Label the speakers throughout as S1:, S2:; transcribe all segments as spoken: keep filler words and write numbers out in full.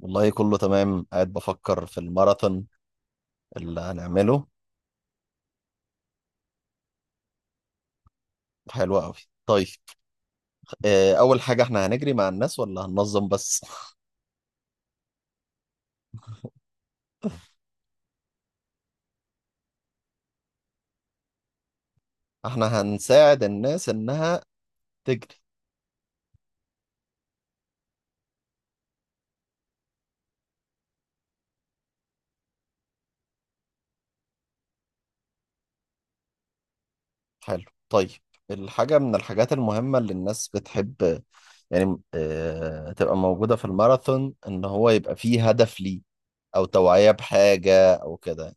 S1: والله كله تمام، قاعد بفكر في الماراثون اللي هنعمله. حلو قوي. طيب. آه، اول حاجة احنا هنجري مع الناس ولا هننظم بس؟ احنا هنساعد الناس انها تجري. حلو. طيب. الحاجة من الحاجات المهمة اللي الناس بتحب، يعني آه، تبقى موجودة في الماراثون، ان هو يبقى فيه هدف ليه، او توعية بحاجة او كده.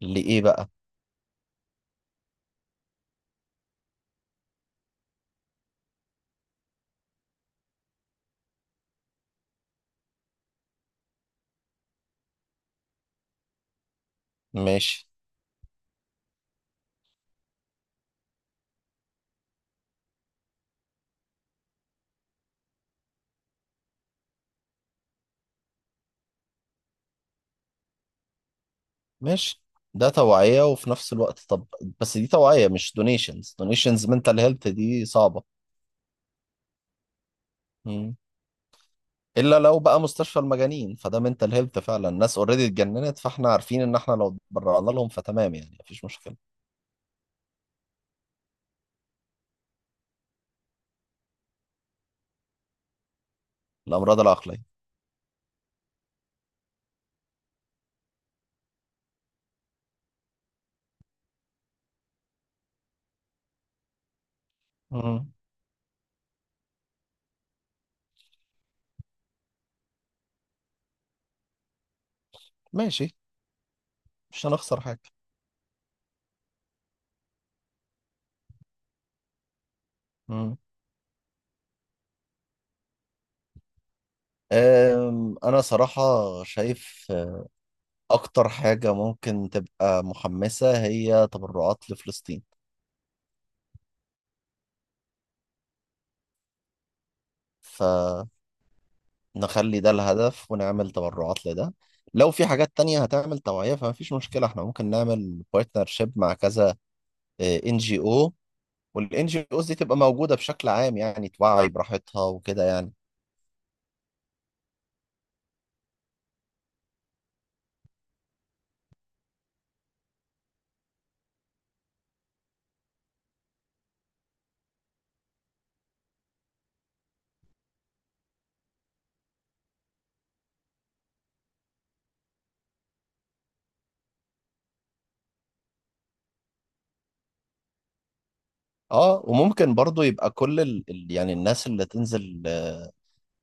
S1: لإيه بقى؟ ماشي. ماشي. ده توعية وفي نفس الوقت طب. بس دي توعية مش دونيشنز. دونيشنز منتال هيلث دي صعبة. مم. إلا لو بقى مستشفى المجانين فده منتال هيلث فعلا، الناس اوريدي اتجننت، فاحنا عارفين إن احنا لو اتبرعنا لهم فتمام، يعني مفيش مشكلة. الأمراض العقلية. مم. ماشي. مش هنخسر حاجة. مم. أم، أنا صراحة شايف أكتر حاجة ممكن تبقى محمسة هي تبرعات لفلسطين. ف نخلي ده الهدف ونعمل تبرعات لده. لو في حاجات تانية هتعمل توعية فما فيش مشكلة، احنا ممكن نعمل بارتنرشيب مع كذا ان جي او. والان جي اوز دي تبقى موجودة بشكل عام، يعني توعي براحتها وكده يعني. اه، وممكن برضو يبقى كل ال... ال- يعني الناس اللي تنزل، آه،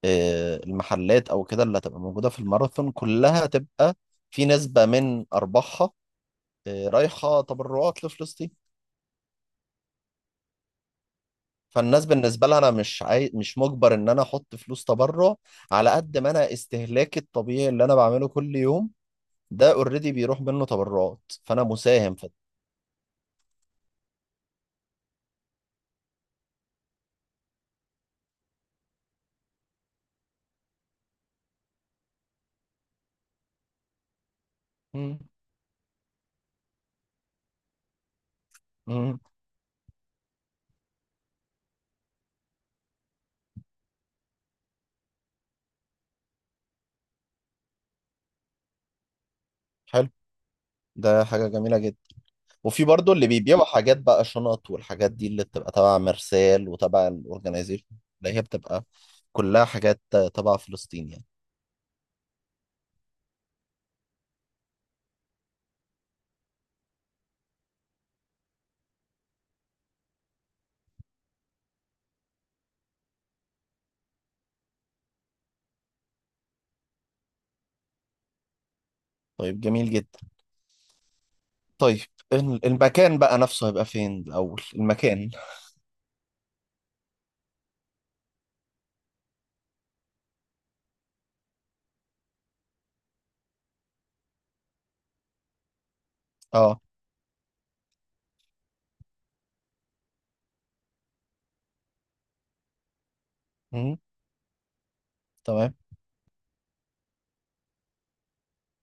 S1: آه، المحلات او كده اللي هتبقى موجودة في الماراثون كلها تبقى في نسبة من ارباحها آه، رايحة تبرعات لفلسطين. فالناس بالنسبة لها أنا مش عاي... مش مجبر إن أنا أحط فلوس تبرع، على قد ما أنا استهلاكي الطبيعي اللي أنا بعمله كل يوم ده أوريدي بيروح منه تبرعات فأنا مساهم في. مم. مم. حلو. ده حاجة جميلة جدا. وفي برضو اللي بيبيعوا حاجات بقى، شنط والحاجات دي اللي بتبقى تبع مرسال وتبع الأورجنايزيشن، اللي هي بتبقى كلها حاجات تبع فلسطين يعني. طيب، جميل جدا. طيب، ال- المكان بقى نفسه هيبقى فين الأول، المكان؟ اه. مم. تمام.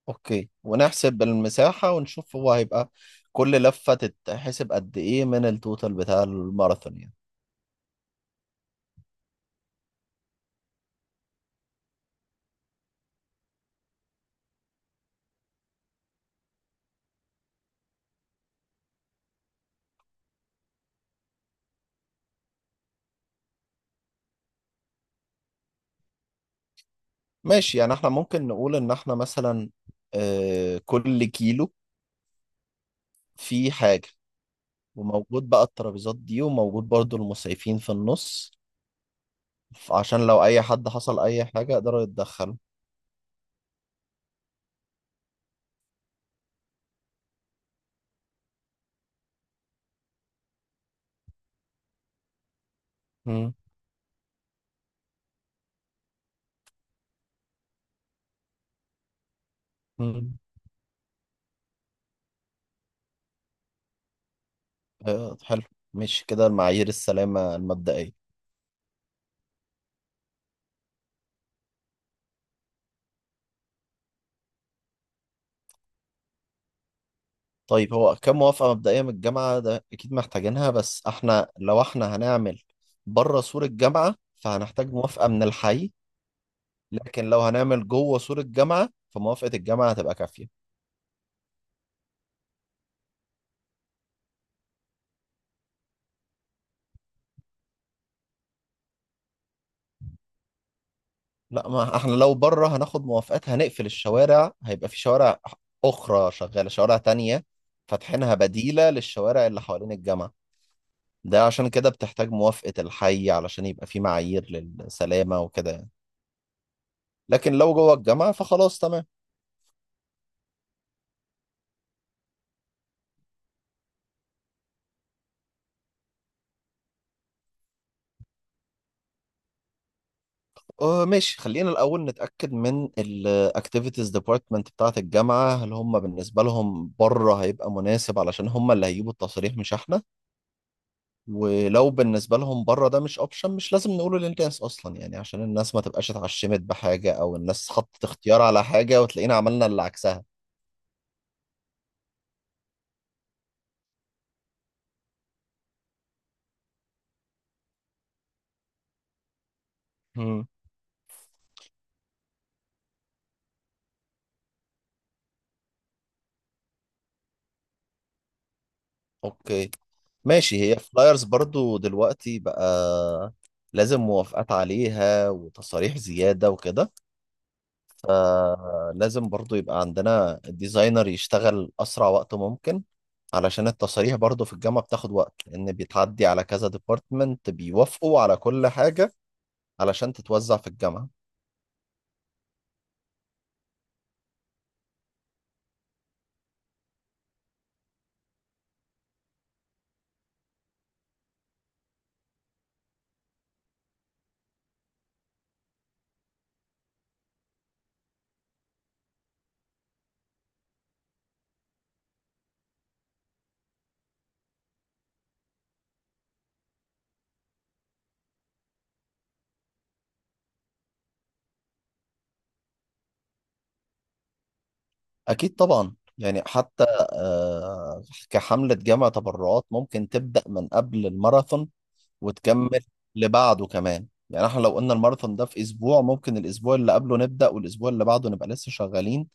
S1: اوكي، ونحسب المساحة ونشوف هو هيبقى كل لفة تتحسب قد ايه من التوتال بتاع الماراثون يعني. ماشي، يعني احنا ممكن نقول ان احنا مثلا آه، كل كيلو فيه حاجة، وموجود بقى الترابيزات دي، وموجود برضو المسعفين في النص. ف- عشان لو اي حد حصل اي حاجة يقدروا يتدخلوا. مم. مم. آه، حلو. ماشي كده المعايير السلامة المبدئية. طيب، هو كام؟ موافقة مبدئية من الجامعة ده أكيد محتاجينها، بس احنا لو احنا هنعمل بره سور الجامعة فهنحتاج موافقة من الحي. لكن لو هنعمل جوه سور الجامعة فموافقة الجامعة هتبقى كافية. لا، ما احنا لو بره هناخد موافقات، هنقفل الشوارع، هيبقى في شوارع أخرى شغالة، شوارع تانية فاتحينها بديلة للشوارع اللي حوالين الجامعة. ده عشان كده بتحتاج موافقة الحي علشان يبقى في معايير للسلامة وكده يعني. لكن لو جوه الجامعة فخلاص تمام. آه ماشي، خلينا الأول نتأكد من ال Activities Department بتاعة الجامعة، هل هم بالنسبة لهم بره هيبقى مناسب؟ علشان هم اللي هيجيبوا التصاريح مش احنا. ولو بالنسبة لهم بره ده مش أوبشن، مش لازم نقوله للناس أصلا يعني، عشان الناس ما تبقاش اتعشمت بحاجة، أو الناس حطت اختيار على حاجة وتلاقينا عملنا اللي عكسها. مم. أوكي. ماشي، هي فلايرز برضو دلوقتي بقى لازم موافقات عليها وتصاريح زيادة وكده. لازم برضو يبقى عندنا الديزاينر يشتغل أسرع وقت ممكن، علشان التصاريح برضو في الجامعة بتاخد وقت، لأن بيتعدي على كذا ديبارتمنت بيوافقوا على كل حاجة علشان تتوزع في الجامعة. أكيد طبعا، يعني حتى آه، كحملة جامعة تبرعات ممكن تبدأ من قبل الماراثون وتكمل لبعده كمان، يعني احنا لو قلنا الماراثون ده في اسبوع، ممكن الاسبوع اللي قبله نبدأ والاسبوع اللي بعده نبقى لسه شغالين.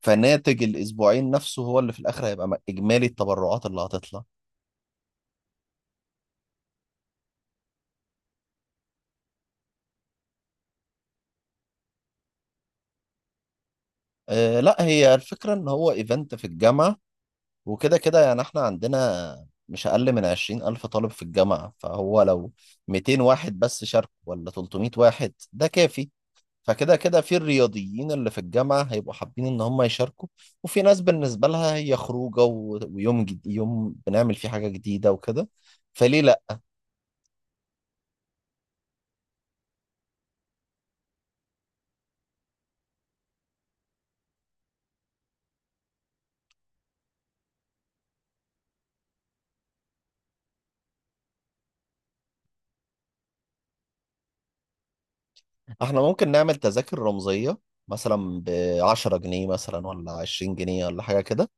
S1: فناتج الاسبوعين نفسه هو اللي في الاخر هيبقى م- اجمالي التبرعات اللي هتطلع. أه لا، هي الفكرة ان هو ايفنت في الجامعة، وكده كده يعني احنا عندنا مش اقل من عشرين الف طالب في الجامعة، فهو لو ميتين واحد بس شارك ولا تلتمية واحد ده كافي. فكده كده في الرياضيين اللي في الجامعة هيبقوا حابين إن هم يشاركوا، وفي ناس بالنسبة لها هي خروجة و- ويوم جد... يوم بنعمل فيه حاجة جديدة وكده. فليه لأ. إحنا ممكن نعمل تذاكر رمزية، مثلا بعشرة جنيه مثلا ولا عشرين جنيه ولا حاجة كده.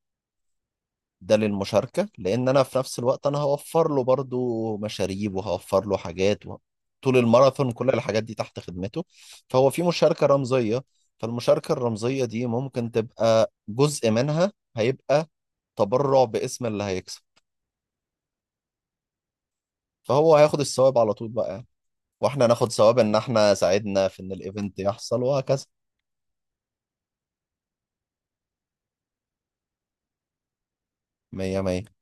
S1: ده للمشاركة، لأن أنا في نفس الوقت أنا هوفر له برضو مشاريب وهوفر له حاجات و... طول الماراثون كل الحاجات دي تحت خدمته. فهو في مشاركة رمزية، فالمشاركة الرمزية دي ممكن تبقى جزء منها هيبقى تبرع باسم اللي هيكسب. فهو هياخد الثواب على طول بقى يعني، واحنا ناخد ثواب ان احنا ساعدنا في ان الايفنت يحصل وهكذا. مية مية.